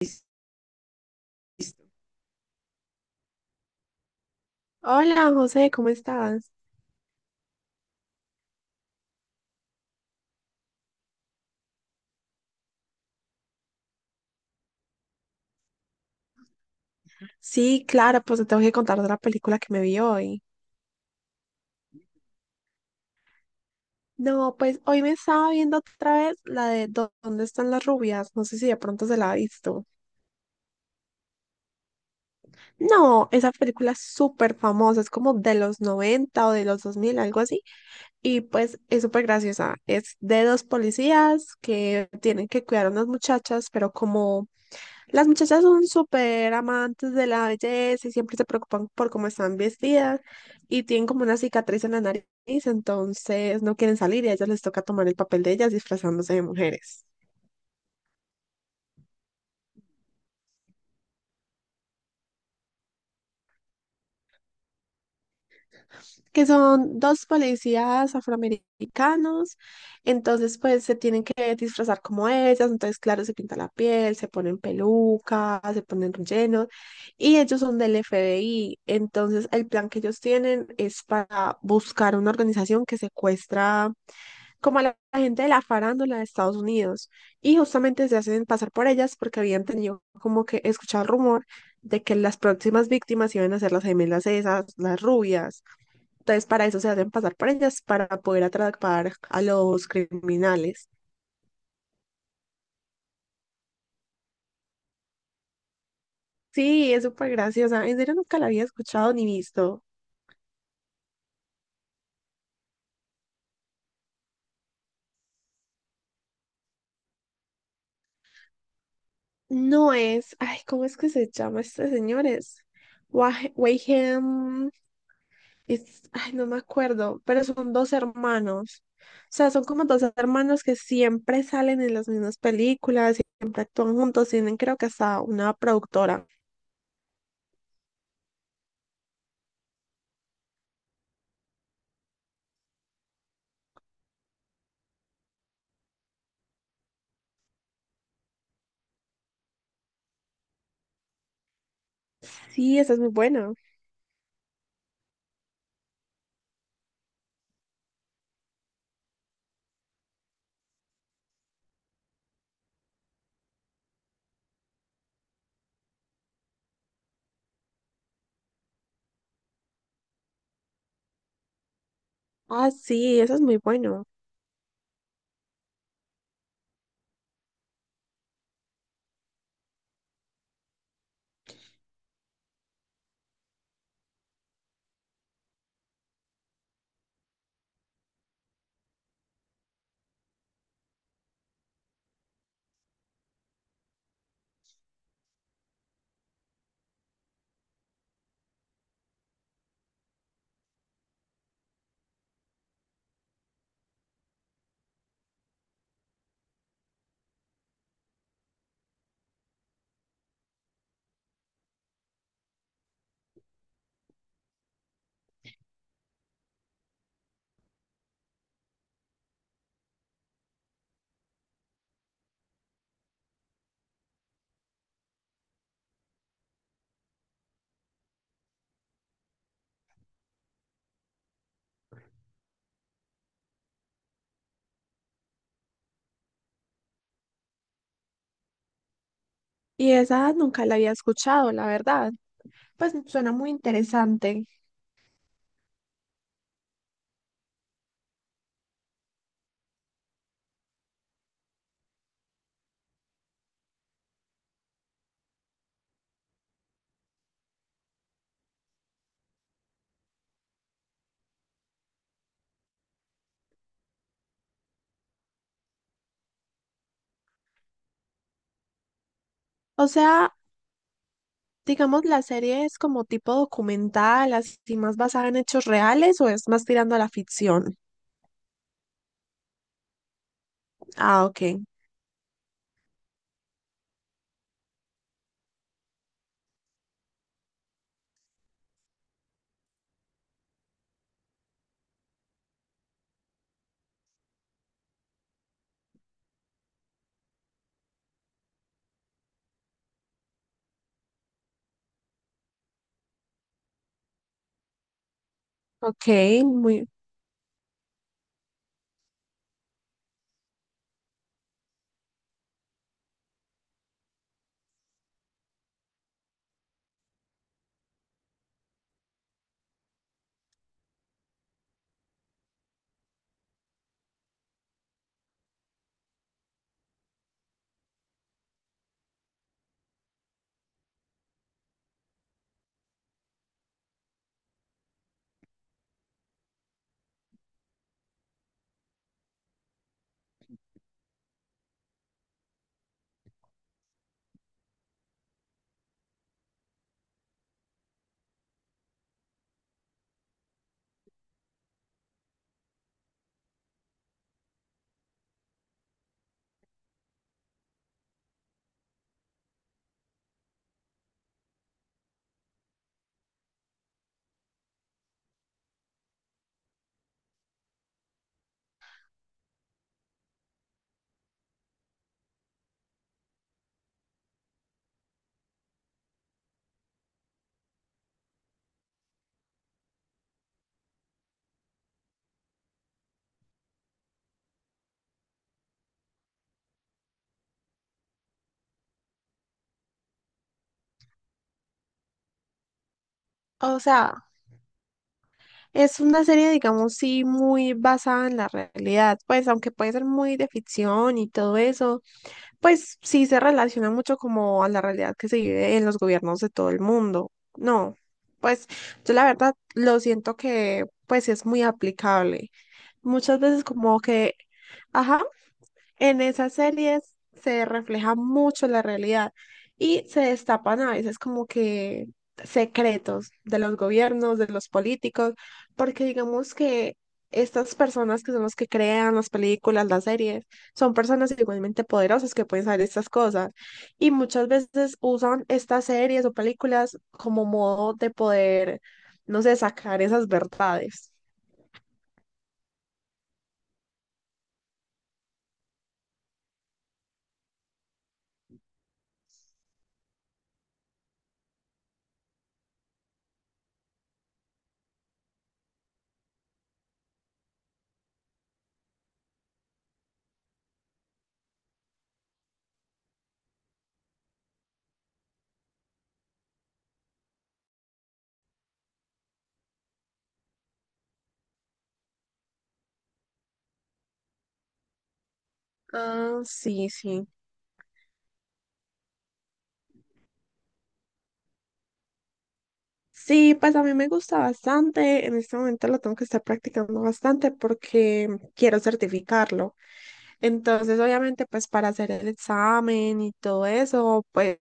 Listo. Hola José, ¿cómo estás? Sí, claro, pues te tengo que contar de la película que me vi hoy. No, pues hoy me estaba viendo otra vez la de ¿Dónde están las rubias? No sé si de pronto se la ha visto. No, esa película es súper famosa, es como de los 90 o de los 2000, algo así. Y pues es súper graciosa. Es de dos policías que tienen que cuidar a unas muchachas, pero como las muchachas son súper amantes de la belleza y siempre se preocupan por cómo están vestidas y tienen como una cicatriz en la nariz, entonces no quieren salir y a ellas les toca tomar el papel de ellas disfrazándose de mujeres, que son dos policías afroamericanos, entonces pues se tienen que disfrazar como ellas, entonces claro, se pinta la piel, se ponen pelucas, se ponen rellenos y ellos son del FBI, entonces el plan que ellos tienen es para buscar una organización que secuestra como a la gente de la farándula de Estados Unidos y justamente se hacen pasar por ellas porque habían tenido como que escuchar el rumor de que las próximas víctimas iban a ser las gemelas esas, las rubias. Entonces para eso se hacen pasar por ellas para poder atrapar a los criminales. Sí, es súper graciosa. En serio nunca la había escuchado ni visto. No es, ay, ¿cómo es que se llama este señor? Es Wayham ay, no me acuerdo, pero son dos hermanos. O sea, son como dos hermanos que siempre salen en las mismas películas, siempre actúan juntos, tienen creo que hasta una productora. Sí, esa es muy buena. Ah, sí, esa es muy buena. Y esa nunca la había escuchado, la verdad. Pues suena muy interesante. O sea, digamos, la serie es como tipo documental, así más basada en hechos reales o es más tirando a la ficción. Ah, ok. Ok, muy, o sea, es una serie, digamos, sí, muy basada en la realidad, pues aunque puede ser muy de ficción y todo eso, pues sí se relaciona mucho como a la realidad que se vive en los gobiernos de todo el mundo. No, pues yo la verdad lo siento que pues es muy aplicable. Muchas veces como que, ajá, en esas series se refleja mucho la realidad y se destapan a veces como que secretos de los gobiernos, de los políticos, porque digamos que estas personas que son los que crean las películas, las series, son personas igualmente poderosas que pueden saber estas cosas y muchas veces usan estas series o películas como modo de poder, no sé, sacar esas verdades. Ah, sí, sí. Sí, pues a mí me gusta bastante. En este momento lo tengo que estar practicando bastante porque quiero certificarlo. Entonces, obviamente, pues para hacer el examen y todo eso, pues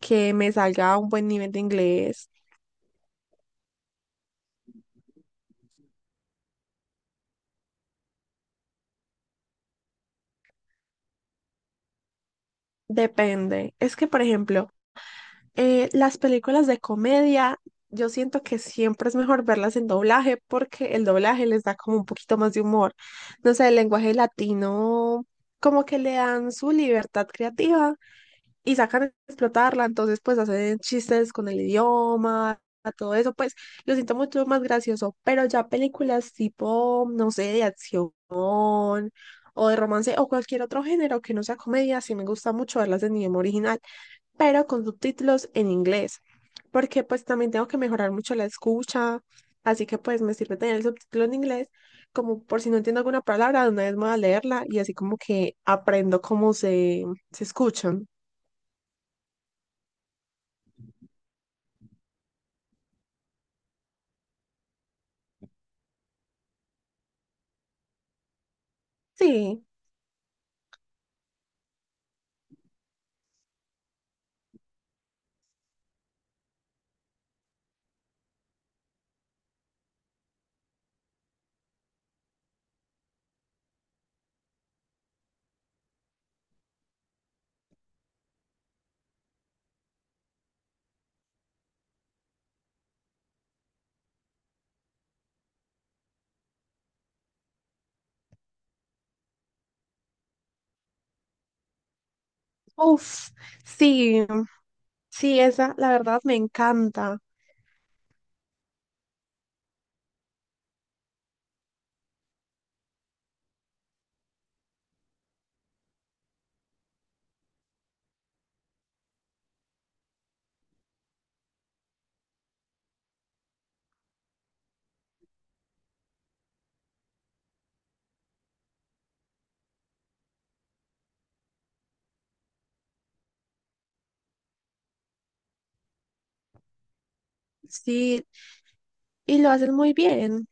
que me salga a un buen nivel de inglés. Depende. Es que, por ejemplo, eh, las películas de comedia, yo siento que siempre es mejor verlas en doblaje porque el doblaje les da como un poquito más de humor. No sé, el lenguaje latino, como que le dan su libertad creativa y sacan a explotarla, entonces pues hacen chistes con el idioma, todo eso, pues lo siento mucho más gracioso, pero ya películas tipo, no sé, de acción o de romance o cualquier otro género que no sea comedia, sí me gusta mucho verlas en idioma original pero con subtítulos en inglés, porque pues también tengo que mejorar mucho la escucha, así que pues me sirve tener el subtítulo en inglés, como por si no entiendo alguna palabra, de una vez me voy a leerla y así como que aprendo cómo se, se escuchan. Sí, uff, sí, sí, esa la verdad me encanta, sí, y lo hacen muy bien,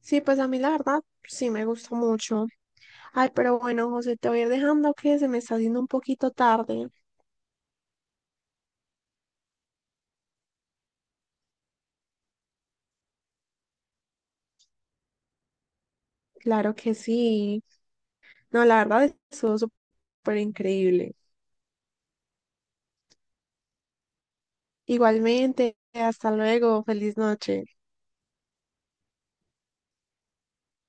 sí, pues a mí la verdad sí me gusta mucho. Ay, pero bueno, José, te voy a ir dejando que se me está haciendo un poquito tarde. Claro que sí. No, la verdad, estuvo súper increíble. Igualmente, hasta luego, feliz noche.